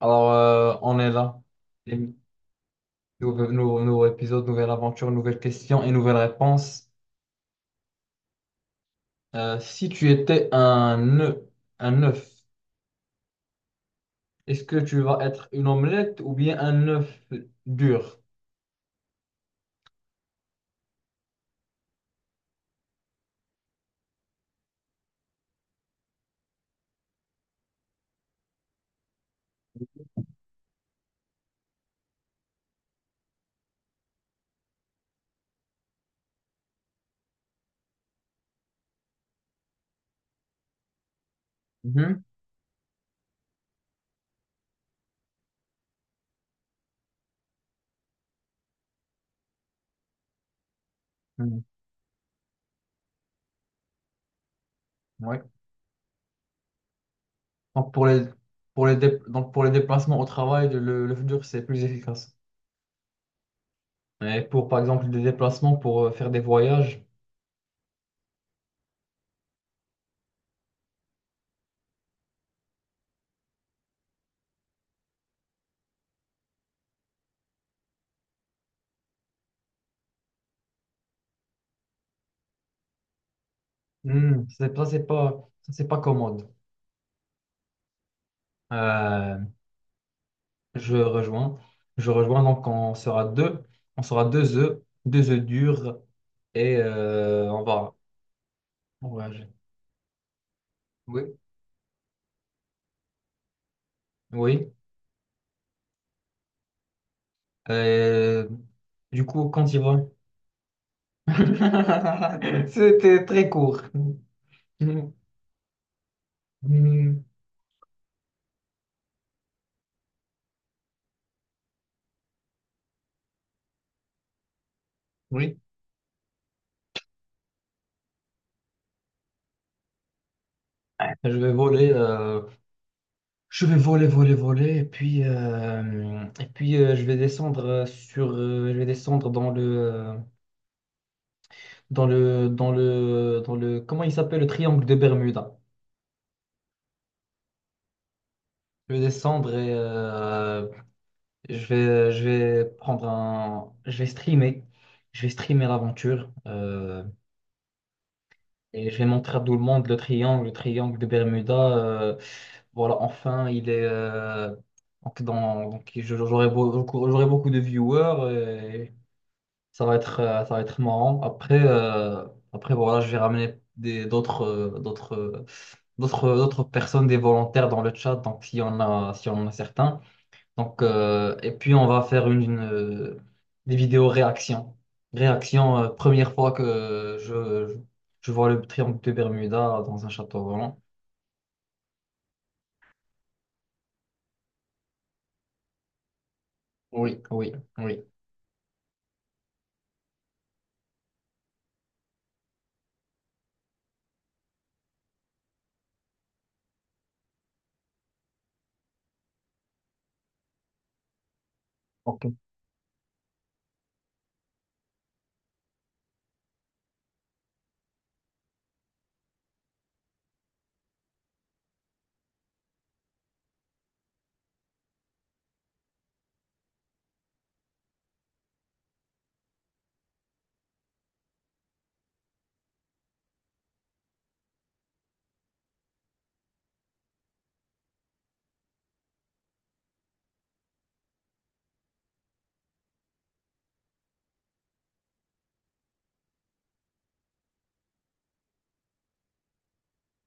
Alors, on est là. Nouveau épisode, nouvelle aventure, nouvelle question et nouvelle réponse. Si tu étais un œuf, un œuf, est-ce que tu vas être une omelette ou bien un œuf dur? Mhm, mhm, ouais. Donc donc pour les déplacements au travail, l'œuf dur, c'est plus efficace. Et pour, par exemple, des déplacements pour faire des voyages. Hmm, ça, c'est pas commode. Euh, Je rejoins. Je rejoins. Donc, on sera deux. On sera deux œufs durs. Et on va. on va- je- Oui. Oui. Euh, du coup, quand il va. C'était très court. Hmm. Oui. Je vais voler. Je vais voler, voler, voler. Et puis, je vais descendre sur. Je vais descendre dans le. Dans le. Comment il s'appelle? Le triangle de Bermuda. Je vais descendre et je vais prendre un. Je vais streamer. Je vais streamer l'aventure. Et je vais montrer à tout le monde le triangle de Bermuda. Voilà, enfin, il est. Donc, dans, j'aurai beaucoup de viewers et ça va être marrant. Après, après voilà, je vais ramener d'autres, d'autres personnes, des volontaires dans le chat. Donc, s'il y en a certains. Donc, et puis on va faire des vidéos réaction. Réaction, première fois que je vois le triangle de Bermuda dans un château volant. Oui, oui, oui. Ok.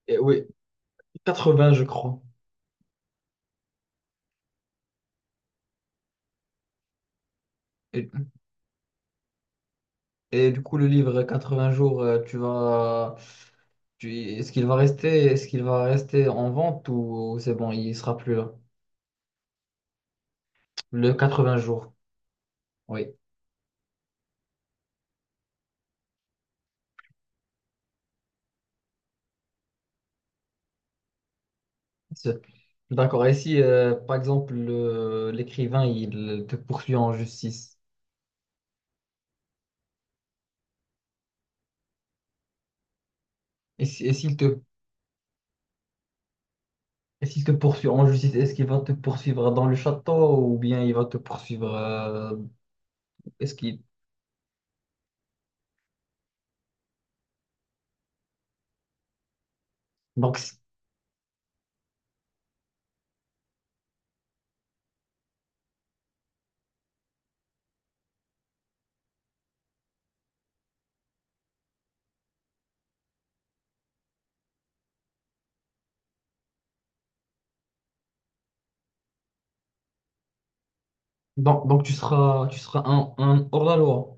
Et oui, 80, je crois. Et, et du coup, le livre 80 jours, est-ce qu'il va rester, est-ce qu'il va rester en vente ou c'est bon, il sera plus là? Le 80 jours. Oui. C'est- D'accord. Et si, par exemple, l'écrivain, il te poursuit en justice, et si- et s'il te poursuit en justice, est-ce qu'il va te poursuivre dans le château ou bien il va te poursuivre, est-ce qu'il... Donc, c- donc, tu seras un hors la loi.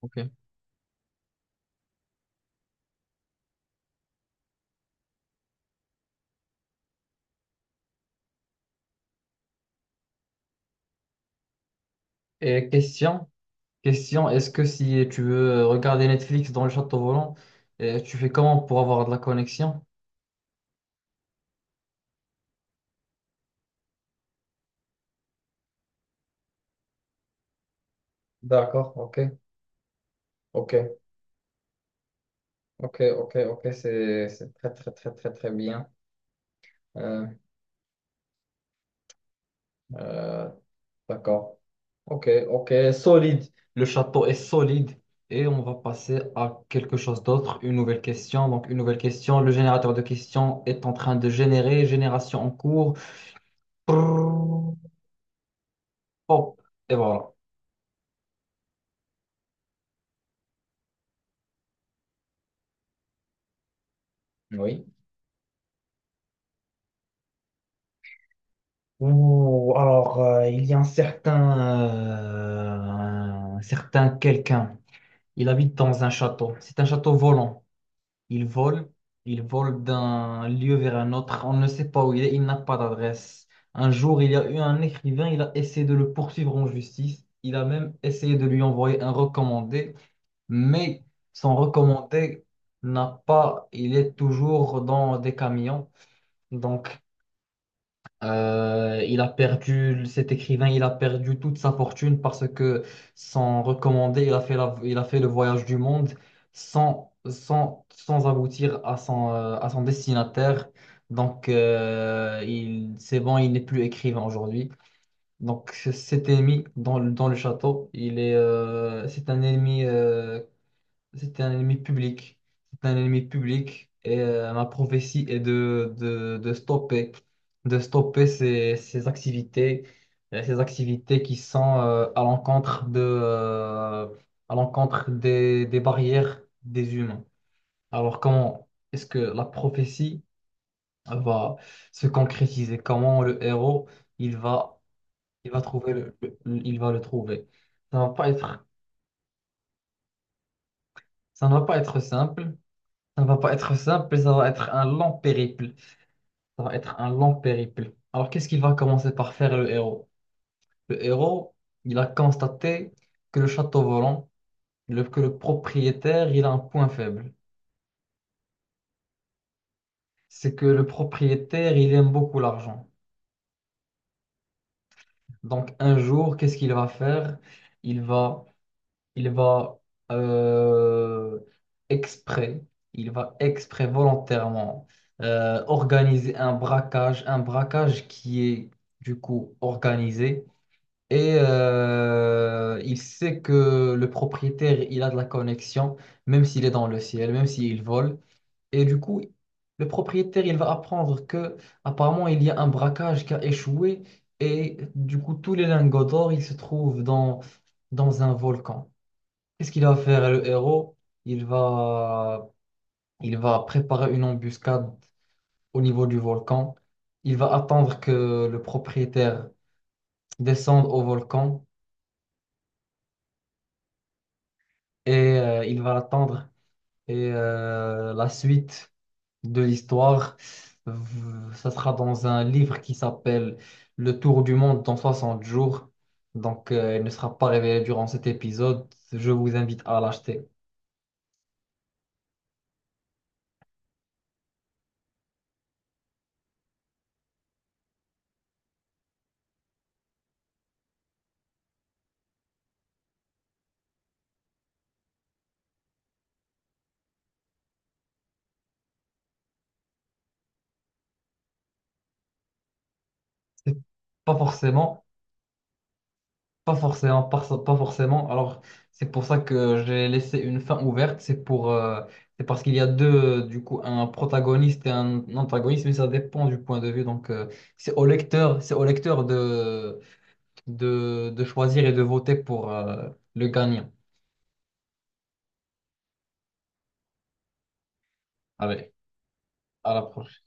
Ok. Et question, question, est-ce que si tu veux regarder Netflix dans le château volant, tu fais comment pour avoir de la connexion? D'accord, ok, ok, ok, ok, ok, c'est très très très très très bien. Euh, euh, d'accord. Ok, ok, solide. Le château est solide. Et on va passer à quelque chose d'autre, une nouvelle question. Donc, une nouvelle question. Le générateur de questions est en train de générer. Génération en cours. Prrrr. Hop. Et voilà. Oui. Ouh, alors, il y a un certain, un certain quelqu'un. Il habite dans un château. C'est un château volant. Il vole, il vole d'un lieu vers un autre. On ne sait pas où il est, il n'a pas d'adresse. Un jour, il y a eu un écrivain, il a essayé de le poursuivre en justice. Il a même essayé de lui envoyer un recommandé, mais son recommandé n'a pas, il est toujours dans des camions. Donc, il a perdu, cet écrivain, il a perdu toute sa fortune parce que sans recommander, il a fait le voyage du monde sans aboutir à son destinataire. Donc, il, c'est bon, il n'est plus écrivain aujourd'hui. Donc, cet ennemi dans, dans le château, c'est un ennemi c'était un ennemi public. C'était un ennemi public et ma prophétie est de, de stopper ces activités qui sont à l'encontre de, à l'encontre des barrières des humains. Alors comment est-ce que la prophétie va se concrétiser? Comment le héros il va, il va trouver il va le trouver? Ça va pas être, ça ne va pas être simple. Ça ne va pas être simple, ça va être un long périple. Ça va être un long périple. Alors, qu'est-ce qu'il va commencer par faire le héros? Le héros, il a constaté que le château volant, que le propriétaire, il a un point faible. C'est que le propriétaire, il aime beaucoup l'argent. Donc, un jour, qu'est-ce qu'il va faire? Il va il va euh, exprès, il va exprès volontairement organiser un braquage qui est du coup organisé. Et il sait que le propriétaire, il a de la connexion, même s'il est dans le ciel, même s'il vole. Et du coup, le propriétaire, il va apprendre que apparemment il y a un braquage qui a échoué. Et du coup, tous les lingots d'or, ils se trouvent dans, dans un volcan. Qu'est-ce qu'il va faire le héros? Il va, il va préparer une embuscade au niveau du volcan. Il va attendre que le propriétaire descende au volcan et il va l'attendre. Et la suite de l'histoire, ça sera dans un livre qui s'appelle Le Tour du monde dans 60 jours. Donc, il ne sera pas révélé durant cet épisode. Je vous invite à l'acheter. C'est Pas forcément. Pas forcément, pas forcément. Alors, c'est pour ça que j'ai laissé une fin ouverte. C'est pour, c'est parce qu'il y a deux, du coup, un protagoniste et un antagoniste, mais ça dépend du point de vue. Donc, c'est au lecteur de, de choisir et de voter pour, le gagnant. Allez, à la prochaine.